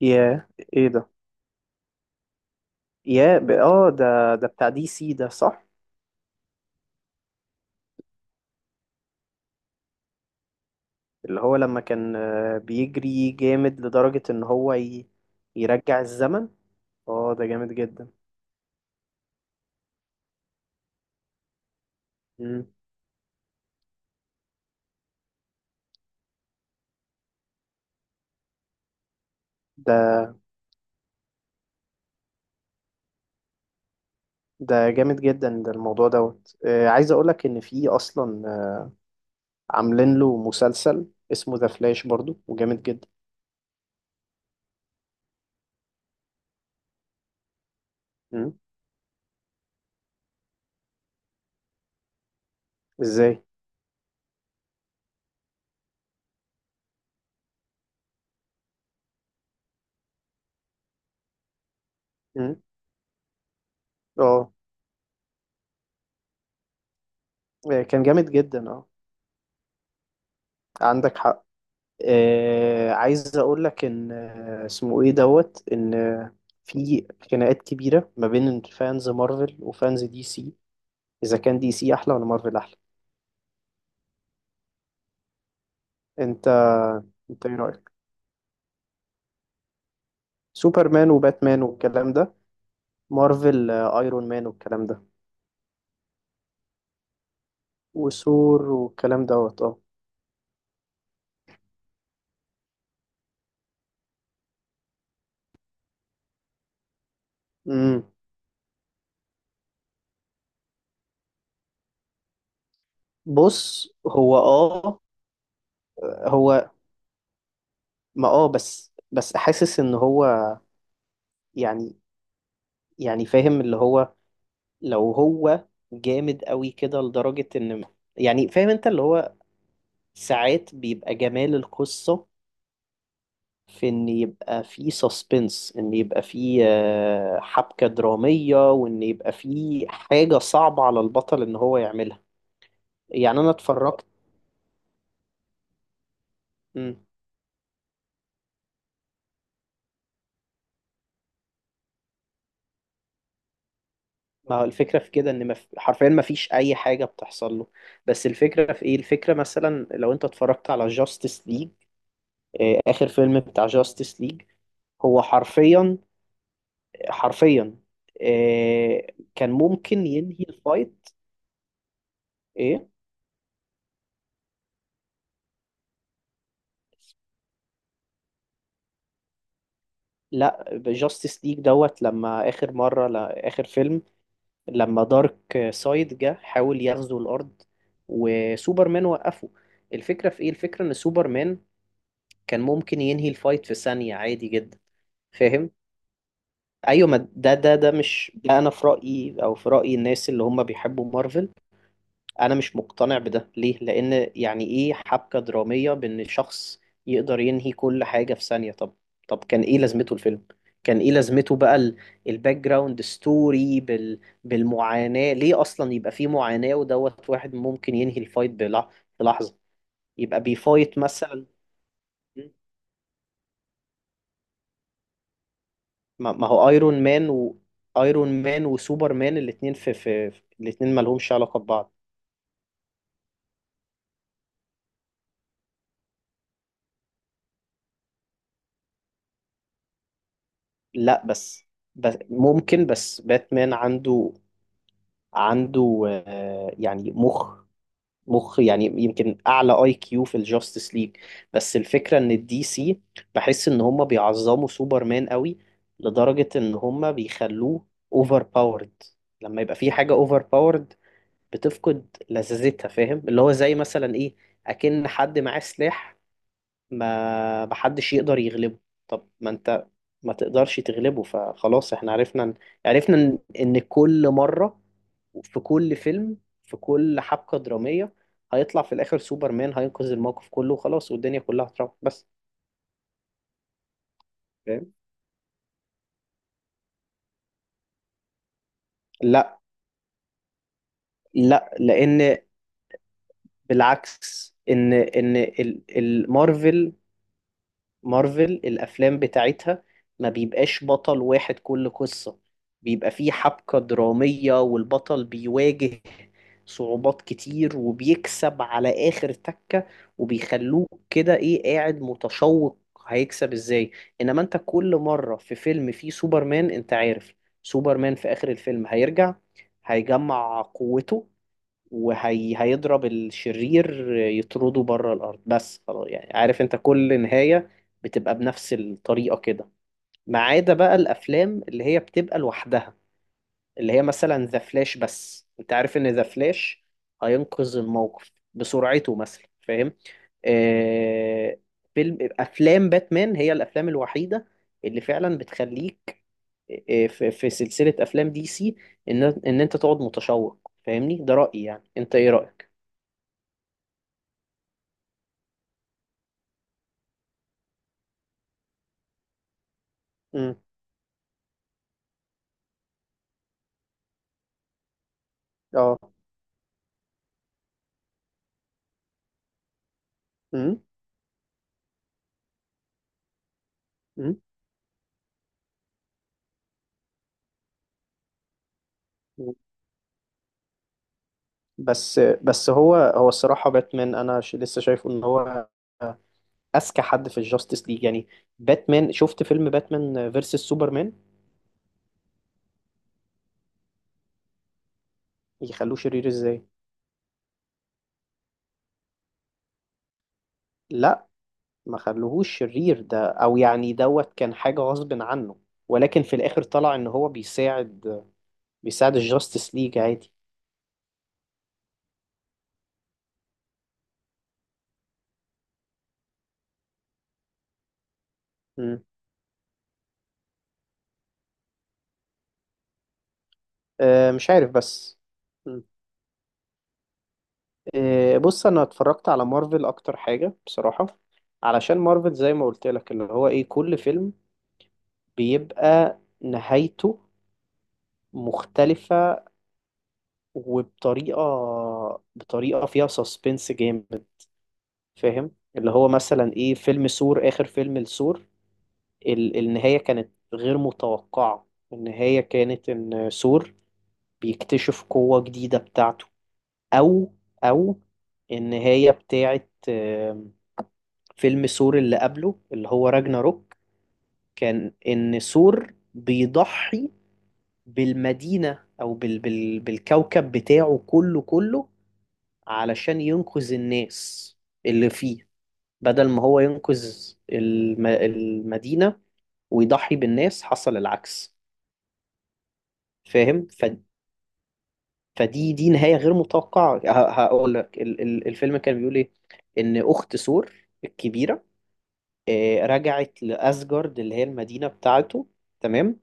ياه، ايه ده؟ ياه، ب... اه ده بتاع دي سي ده، صح. اللي هو لما كان بيجري جامد لدرجة ان هو يرجع الزمن. اه ده جامد جدا. مم. ده ده جامد جدا، ده الموضوع دوت عايز اقولك ان في اصلا عاملين له مسلسل اسمه ذا فلاش برضو وجامد جدا. مم. ازاي؟ مم. اه. كان جامد جدا، اه، عندك حق. عايز اقول لك ان اسمه ايه دوت ان آه، في خناقات كبيره ما بين فانز مارفل وفانز دي سي، اذا كان دي سي احلى ولا مارفل احلى. انت انت ايه رايك؟ سوبرمان وباتمان والكلام ده، مارفل ايرون مان والكلام ده، وثور والكلام دوت. اه. امم. بص هو اه. هو ما اه بس حاسس ان هو، يعني، يعني فاهم اللي هو لو هو جامد قوي كده لدرجة ان، يعني فاهم انت، اللي هو ساعات بيبقى جمال القصة في ان يبقى في سسبنس، ان يبقى في حبكة درامية وان يبقى في حاجة صعبة على البطل ان هو يعملها. يعني انا اتفرجت. مم. ما هو الفكرة في كده ان حرفيا ما فيش اي حاجة بتحصل له، بس الفكرة في ايه؟ الفكرة مثلا لو انت اتفرجت على جاستس ليج، اخر فيلم بتاع جاستس ليج، هو حرفيا، حرفيا، آه، كان ممكن ينهي الفايت. ايه. لا جاستس ليج دوت لما اخر مره، لا اخر فيلم، لما دارك سايد جه حاول يغزو الارض وسوبرمان وقفه. الفكره في ايه؟ الفكره ان سوبرمان كان ممكن ينهي الفايت في ثانيه عادي جدا. فاهم؟ ايوه، ما ده مش ده، انا في رايي او في راي الناس اللي هم بيحبوا مارفل، انا مش مقتنع بده. ليه؟ لان يعني ايه حبكة درامية بان شخص يقدر ينهي كل حاجة في ثانية؟ طب، طب كان ايه لازمته الفيلم؟ كان ايه لازمته بقى الباك جراوند ستوري بالمعاناة؟ ليه اصلا يبقى فيه معاناة ودوت واحد ممكن ينهي الفايت في لحظة؟ يبقى بيفايت مثلا. ما هو ايرون مان و، ايرون مان وسوبر مان الاتنين في الاتنين ما لهمش علاقة ببعض. لا بس، بس ممكن باتمان عنده، عنده يعني مخ، مخ يعني يمكن اعلى اي كيو في الجاستس ليج. بس الفكره ان الدي سي، بحس ان هم بيعظموا سوبرمان قوي لدرجه ان هم بيخلوه اوفر باورد. لما يبقى في حاجه اوفر باورد بتفقد لذاذتها، فاهم؟ اللي هو زي مثلا ايه، اكن حد معاه سلاح ما محدش يقدر يغلبه. طب ما انت ما تقدرش تغلبه، فخلاص احنا عرفنا، عرفنا ان إن كل مره، في كل فيلم، في كل حبكة درامية، هيطلع في الآخر سوبرمان هينقذ الموقف كله وخلاص والدنيا كلها هتروح. بس فاهم؟ لا، لأن بالعكس إن المارفل، مارفل الافلام بتاعتها ما بيبقاش بطل واحد كل قصة، بيبقى فيه حبكة درامية والبطل بيواجه صعوبات كتير وبيكسب على آخر تكة، وبيخلوك كده ايه، قاعد متشوق هيكسب ازاي. انما انت كل مرة في فيلم فيه سوبرمان، انت عارف سوبرمان في آخر الفيلم هيرجع، هيجمع قوته وهيضرب الشرير يطرده بره الارض، بس خلاص يعني عارف انت كل نهايه بتبقى بنفس الطريقه كده. ما عدا بقى الافلام اللي هي بتبقى لوحدها، اللي هي مثلا ذا فلاش. بس انت عارف ان ذا فلاش هينقذ الموقف بسرعته مثلا، فاهم؟ آه. فيلم، افلام باتمان هي الافلام الوحيده اللي فعلا بتخليك، في في سلسله افلام دي سي، ان انت تقعد متشوق. فاهمني؟ ده رايي يعني، انت ايه رايك؟ اه. امم. امم. بس هو الصراحة باتمان أنا لسه شايفه إن هو أذكى حد في الجاستس ليج يعني. باتمان، شفت فيلم باتمان فيرسس سوبرمان؟ يخلوه شرير إزاي؟ لا ما خلوهوش شرير، ده أو يعني دوت كان حاجة غصب عنه، ولكن في الآخر طلع إن هو بيساعد، بيساعد الجاستس ليج عادي. مم. أه مش عارف بس، إمم، إيه، بص انا اتفرجت على مارفل اكتر حاجة بصراحة، علشان مارفل زي ما قلت لك اللي هو ايه، كل فيلم بيبقى نهايته مختلفة، وبطريقة، بطريقة فيها سسبنس جامد، فاهم؟ اللي هو مثلا ايه، فيلم ثور، اخر فيلم لثور، النهاية كانت غير متوقعة. النهاية كانت ان ثور بيكتشف قوة جديدة بتاعته. او، او النهاية بتاعت فيلم ثور اللي قبله اللي هو راجناروك، كان إن ثور بيضحي بالمدينة أو بالكوكب بتاعه كله، كله علشان ينقذ الناس اللي فيه، بدل ما هو ينقذ المدينة ويضحي بالناس، حصل العكس. فاهم؟ ف، فدي، دي نهاية غير متوقعة. هقول لك الفيلم كان بيقول إيه. إن أخت ثور الكبيرة، رجعت لأسجارد اللي هي المدينة بتاعته، تمام،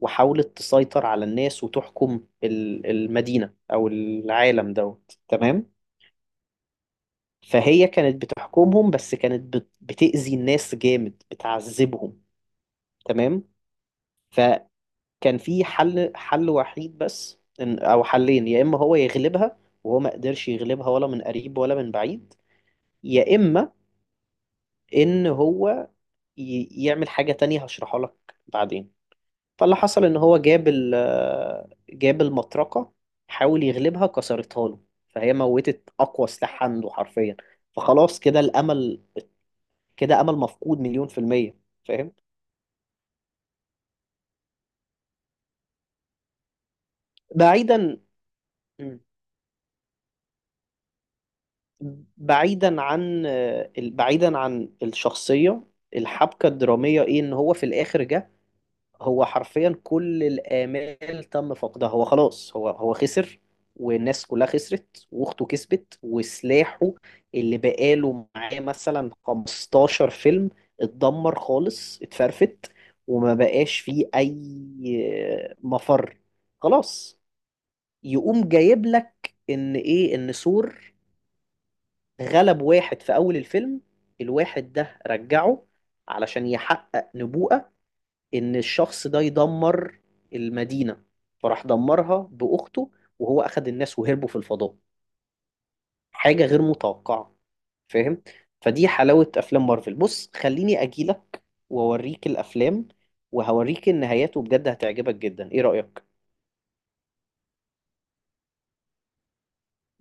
وحاولت تسيطر على الناس وتحكم المدينة أو العالم دوت، تمام. فهي كانت بتحكمهم، بس كانت بتأذي الناس جامد، بتعذبهم، تمام. فكان في حل وحيد بس، أو حلين، يا إما هو يغلبها، وهو ما قدرش يغلبها ولا من قريب ولا من بعيد، يا إما إن هو يعمل حاجة تانية هشرحها لك بعدين. فاللي حصل ان هو جاب جاب المطرقه، حاول يغلبها كسرتها له. فهي موتت اقوى سلاح عنده حرفيا، فخلاص كده الامل، كده امل مفقود 100%. فاهم؟ بعيدا، بعيدا عن، بعيدا عن الشخصيه، الحبكه الدراميه ايه؟ ان هو في الاخر جه، هو حرفيا كل الآمال تم فقدها، هو خلاص هو، هو خسر والناس كلها خسرت، واخته كسبت، وسلاحه اللي بقاله معاه مثلا 15 فيلم اتدمر خالص، اتفرفت. وما بقاش فيه اي مفر، خلاص. يقوم جايب لك ان ايه، ان ثور غلب واحد في اول الفيلم، الواحد ده رجعه علشان يحقق نبوءة ان الشخص ده يدمر المدينة، فراح دمرها باخته، وهو اخد الناس وهربوا في الفضاء. حاجة غير متوقعة، فاهم؟ فدي حلاوة افلام مارفل. بص خليني اجيلك واوريك الافلام وهوريك النهايات، وبجد هتعجبك جدا. ايه رأيك؟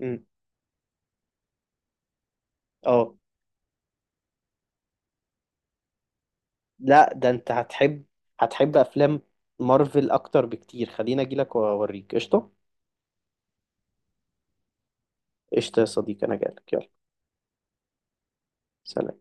امم. اه. لا، ده انت هتحب، هتحب افلام مارفل اكتر بكتير. خليني اجيلك واوريك. قشطة؟ قشطة يا صديقي، انا جايلك. يلا، سلام.